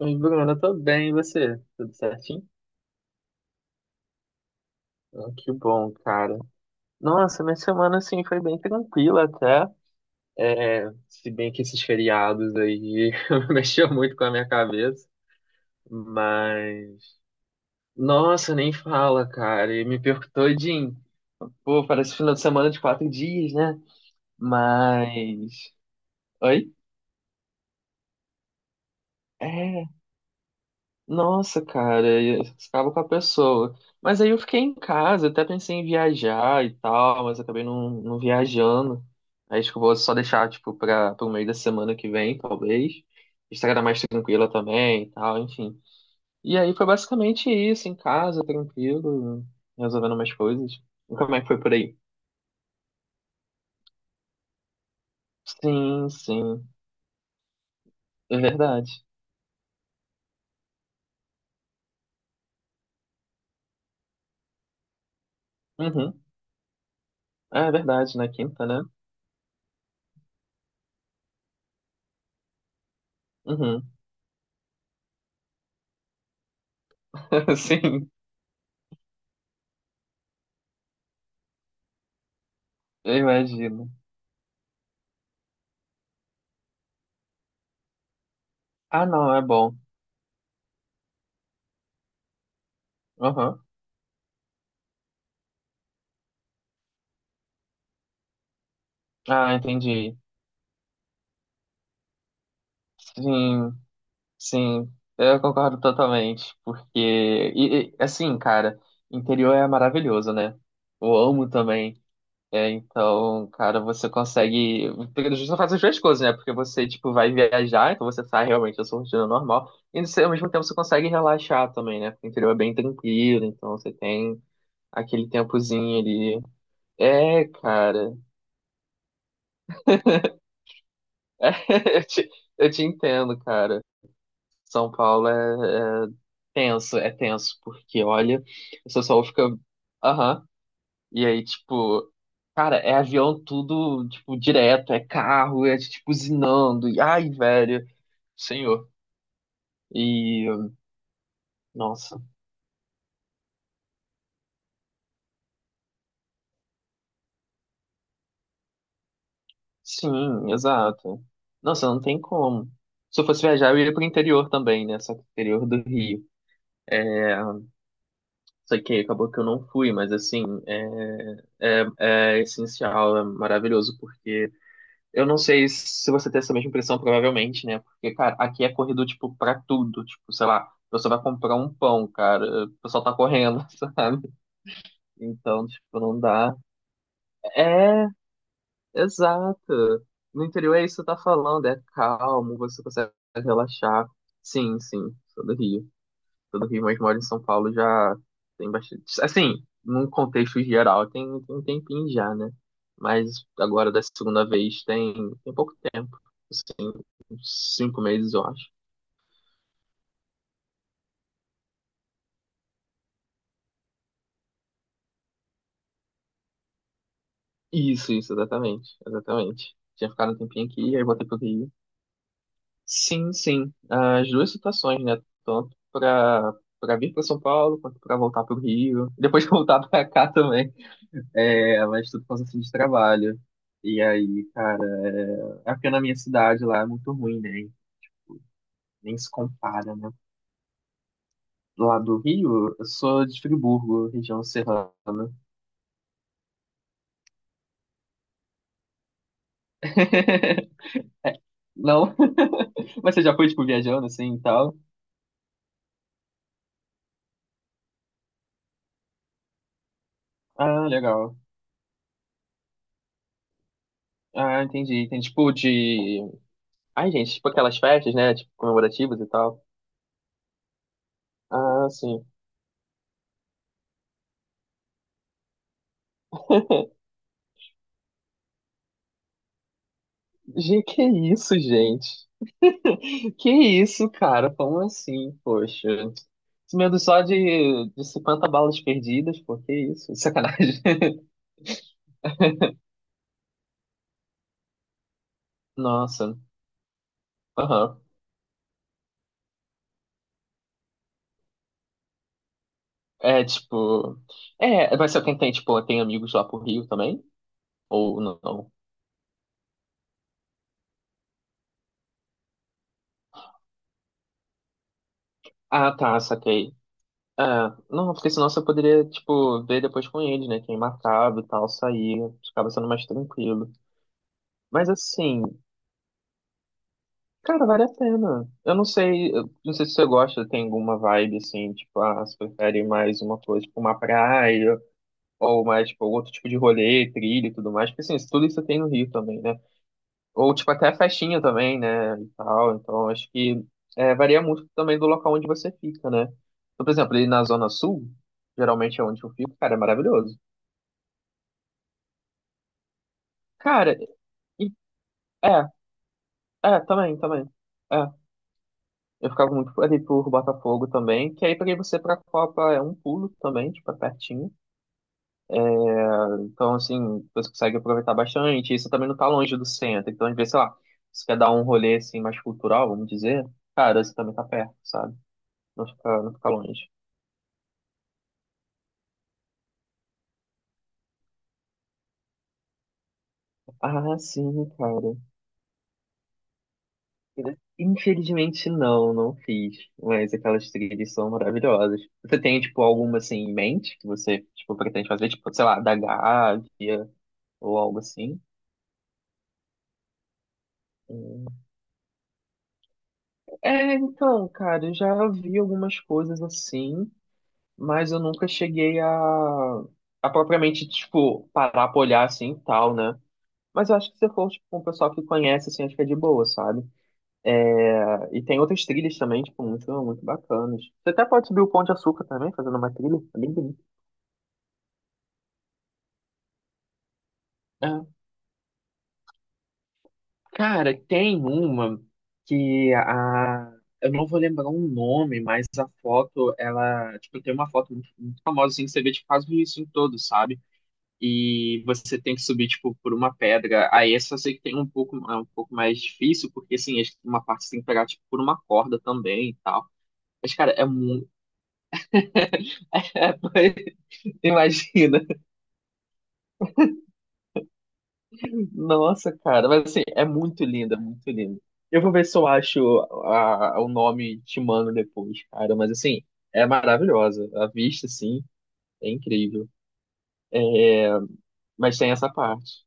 Oi, Bruno, eu tô bem, e você? Tudo certinho? Ah, que bom, cara. Nossa, minha semana, assim, foi bem tranquila até. É, Se bem que esses feriados aí mexeu muito com a minha cabeça. Mas, nossa, nem fala, cara. E me perco todinho. Pô, parece final de semana de 4 dias, né? Mas, Oi? É. Nossa, cara, e você acaba com a pessoa. Mas aí eu fiquei em casa, até pensei em viajar e tal, mas acabei não viajando. Aí acho que eu vou só deixar, tipo, para o meio da semana que vem, talvez. A estrada mais tranquila também e tal, enfim. E aí foi basicamente isso, em casa, tranquilo, resolvendo umas coisas. E como é que foi por aí? Sim, sim, é verdade. Uhum. É verdade, na quinta, né? Uhum. Sim, eu imagino. Ah, não, é bom. Ah, entendi. Sim, sim, eu concordo totalmente, porque, assim, cara, interior é maravilhoso, né? Eu amo também, então, cara, você consegue, porque você faz as duas coisas, né? Porque você, tipo, vai viajar, então você sai realmente da sua rotina normal, e você, ao mesmo tempo você consegue relaxar também, né? Porque o interior é bem tranquilo, então você tem aquele tempozinho ali. É, cara, eu te, eu te entendo, cara. São Paulo é, é tenso, porque olha, você só fica. Aham. E aí, tipo, cara, é avião tudo, tipo, direto, é carro, é tipo usinando. E, ai, velho, senhor. E, nossa, sim, exato. Nossa, não tem como. Se eu fosse viajar, eu ia pro interior também, né? Só que interior do Rio. Só que acabou que eu não fui, mas assim, é essencial, é maravilhoso, porque eu não sei se você tem essa mesma impressão, provavelmente, né? Porque, cara, aqui é corrido, tipo, pra tudo. Tipo, sei lá, você vai comprar um pão, cara, o pessoal tá correndo, sabe? Então, tipo, não dá. É, exato. No interior é isso que você tá falando, é calmo, você consegue relaxar. Sim, sim, sou do Rio, mas moro em São Paulo já tem bastante. Assim, num contexto geral, tem um tempinho já, né? Mas agora da segunda vez tem, tem pouco tempo, assim, uns 5 meses, eu acho. Isso, exatamente, exatamente. Tinha ficado um tempinho aqui, aí voltei pro Rio. Sim, sim, as duas situações, né? Tanto pra vir pra São Paulo, quanto pra voltar pro Rio. Depois de voltar pra cá também. É, ela estuda por causa assim, de trabalho. E aí, cara, é porque na minha cidade lá é muito ruim, né? Nem se compara, né? Lá do Rio, eu sou de Friburgo, região serrana. Não? Mas você já foi, tipo, viajando assim e tal? Ah, legal. Ah, entendi. Tem tipo de. Ai, gente, tipo aquelas festas, né? Tipo, comemorativas e tal. Ah, sim. Gê, que isso, gente? Que isso, cara? Como assim, poxa? Esse medo só de 50 balas perdidas, pô, que isso? Sacanagem. Nossa, aham. É, tipo... É, mas você tipo, tem amigos lá pro Rio também? Ou não? Ah, tá, saquei. É, não, porque senão você poderia, tipo, ver depois com eles, né? Quem marcava e tal, sair. Ficava sendo mais tranquilo. Mas assim... Cara, vale a pena. Eu não sei se você gosta, tem alguma vibe assim, tipo, ah, você prefere mais uma coisa, tipo uma praia, ou mais, tipo, outro tipo de rolê, trilha e tudo mais, porque assim, tudo isso tem no Rio também, né? Ou, tipo, até festinha também, né, e tal, então acho que varia muito também do local onde você fica, né? Então, por exemplo, ali na Zona Sul, geralmente é onde eu fico, cara, é maravilhoso. Cara, e, é, também, também. é Eu ficava muito ali por Botafogo também, que aí pra você pra Copa é um pulo também, tipo, é pertinho. Então, assim, você consegue aproveitar bastante. Isso também não tá longe do centro. Então, às vezes, sei lá, se quer dar um rolê, assim, mais cultural, vamos dizer, cara, você também tá perto, sabe? Não fica, não fica longe. Ah, sim, cara. Infelizmente, não, não fiz. Mas aquelas trilhas são maravilhosas. Você tem, tipo, alguma, assim, em mente que você, tipo, pretende fazer? Tipo, sei lá, da Gávea ou algo assim? É, então, cara, eu já vi algumas coisas assim, mas eu nunca cheguei a propriamente, tipo, parar pra olhar assim e tal, né? Mas eu acho que se for, tipo, um pessoal que conhece, assim, acho que é de boa, sabe? É, e tem outras trilhas também, tipo, muito, muito bacanas. Você até pode subir o Pão de Açúcar também, fazendo uma trilha, é bem bonito. É. Cara, tem uma que a... Eu não vou lembrar o nome, mas a foto, ela... Tipo, tem uma foto muito, muito famosa, assim, que você vê, tipo, quase isso em todo, sabe? E você tem que subir tipo por uma pedra. Aí essa eu sei que tem um pouco é um pouco mais difícil, porque assim, acho que uma parte você tem que pegar tipo por uma corda também e tal. Mas cara, é muito É, imagina. Nossa, cara, mas assim, é muito linda, muito linda. Eu vou ver se eu acho o nome te mando depois, cara, mas assim, é maravilhosa. A vista assim é incrível, mas tem essa parte.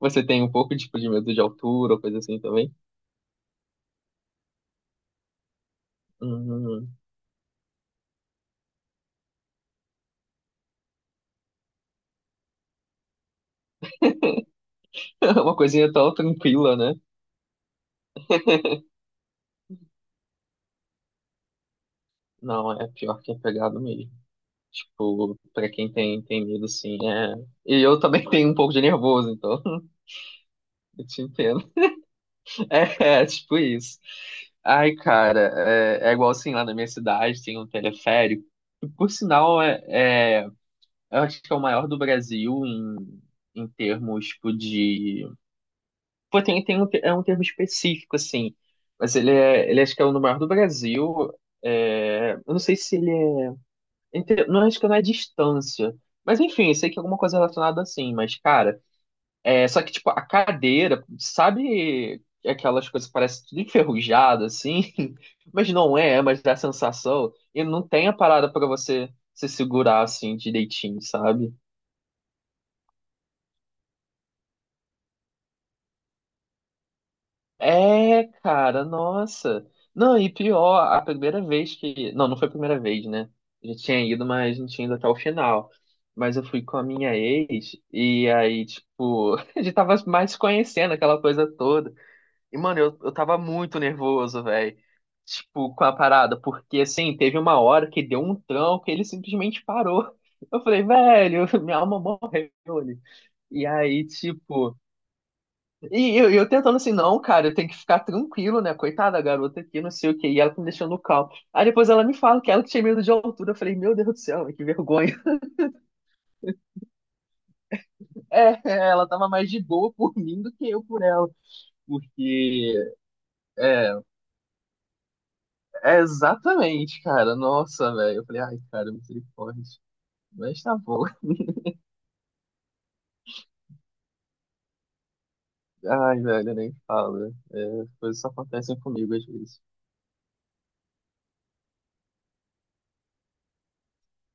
Você tem um pouco tipo de medo de altura, coisa assim também? Uhum. Uma coisinha tão tranquila, né? Não, é pior que é pegado mesmo. Tipo, pra quem tem medo, assim, é. E eu também tenho um pouco de nervoso, então eu te entendo. Tipo isso. Ai, cara, é igual assim, lá na minha cidade tem um teleférico. E, por sinal, eu acho que é o maior do Brasil em, termos, tipo, de. Pô, tem um é um termo específico, assim. Mas ele acho que é o maior do Brasil. É, eu não sei se ele é. Não acho que não é distância. Mas enfim, sei que é alguma coisa relacionada assim, mas cara, só que tipo, a cadeira, sabe aquelas coisas que parece tudo enferrujado assim, mas não é, mas dá a sensação e não tem a parada pra você se segurar assim direitinho, sabe? É, cara, nossa. Não, e pior, a primeira vez que. Não, não foi a primeira vez, né? Já tinha ido, mas não tinha ido até o final. Mas eu fui com a minha ex, e aí, tipo, a gente tava mais se conhecendo aquela coisa toda. E, mano, eu tava muito nervoso, velho. Tipo, com a parada, porque assim, teve uma hora que deu um tranco e ele simplesmente parou. Eu falei, velho, minha alma morreu ali. E aí, tipo. E eu tentando assim, não, cara, eu tenho que ficar tranquilo, né? Coitada da garota aqui, não sei o quê. E ela tá me deixando calmo. Aí depois ela me fala que ela que tinha medo de altura. Eu falei, meu Deus do céu, que vergonha. Ela tava mais de boa por mim do que eu por ela. Porque, é, é exatamente, cara. Nossa, velho. Eu falei, ai, cara, misericórdia. Mas tá bom. Ai, velho, eu nem falo, né. Coisas só acontecem comigo às vezes.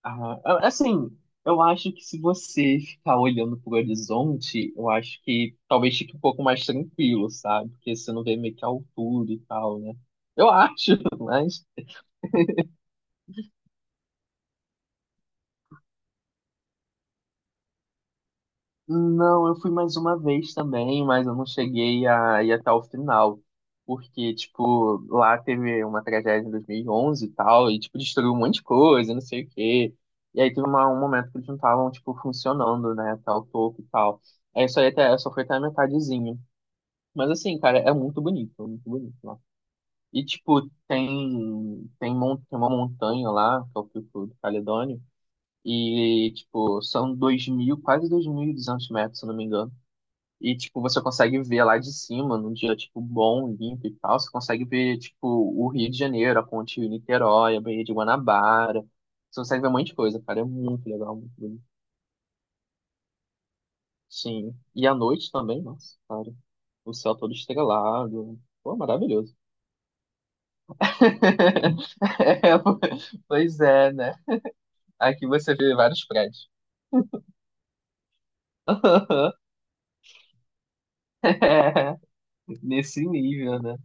Ah, assim, eu acho que se você ficar olhando pro horizonte, eu acho que talvez fique um pouco mais tranquilo, sabe? Porque você não vê meio que a altura e tal, né? Eu acho, mas. Não, eu fui mais uma vez também, mas eu não cheguei a ir até o final. Porque, tipo, lá teve uma tragédia em 2011 e onze e tal, e, tipo, destruiu um monte de coisa, não sei o quê. E aí teve um momento que eles não estavam, tipo, funcionando, né, até o topo e tal. Aí só, ia até, só foi até a metadezinha. Mas assim, cara, é muito bonito lá. E tipo, tem uma montanha lá, que é o Pico do Caledônio, e tipo, são 2 mil, quase 2.200 metros, se eu não me engano. E tipo, você consegue ver lá de cima, num dia tipo bom, limpo e tal, você consegue ver tipo o Rio de Janeiro, a ponte Niterói, a Baía de Guanabara. Você consegue ver um monte de coisa, cara, é muito legal, muito bonito. Sim. E à noite também, nossa, cara, o céu todo estrelado. Pô, maravilhoso. É, pois é, né? Aqui você vê vários prédios. É, nesse nível, né?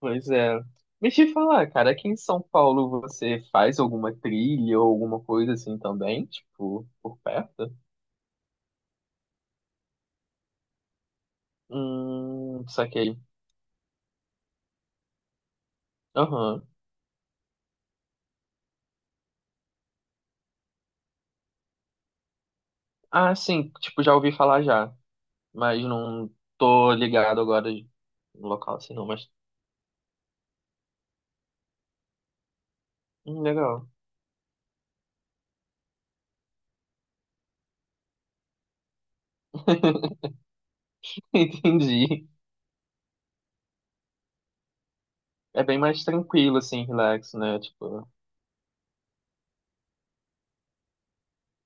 Pois é. Mas te falar, cara, aqui em São Paulo você faz alguma trilha ou alguma coisa assim também? Tipo, por perto? Saquei. Aham. Ah, sim, tipo, já ouvi falar já. Mas não tô ligado agora no local assim, não. Mas, legal. Entendi. É bem mais tranquilo, assim, relax, né? Tipo.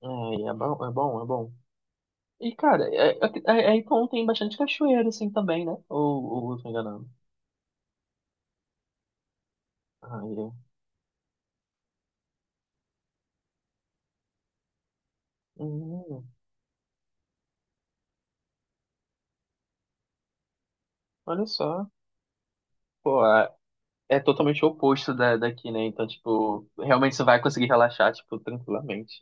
Ai, é bom, é bom, é bom. E, cara, então tem bastante cachoeira, assim, também, né? Ou eu tô enganando? Ah, é. Hum, olha só. Pô, é totalmente o oposto daqui, né? Então, tipo, realmente você vai conseguir relaxar, tipo, tranquilamente.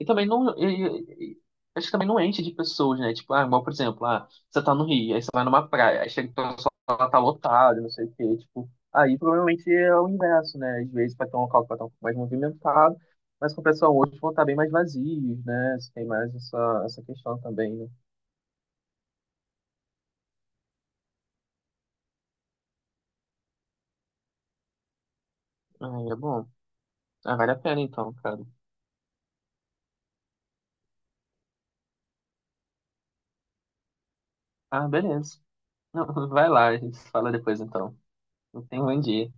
E também não. Acho que também não enche de pessoas, né? Tipo, ah, igual, por exemplo, ah, você tá no Rio, aí você vai numa praia, aí chega o pessoal lá, tá lotado, não sei o quê. Tipo, aí provavelmente é o inverso, né? Às vezes vai ter um local que vai estar um pouco mais movimentado, mas com o pessoal hoje vão estar bem mais vazios, né? Você tem mais essa, essa questão também, né? Ah, é bom. Ah, vale a pena então, cara. Ah, beleza. Não, vai lá, a gente se fala depois então. Não tem um bom dia.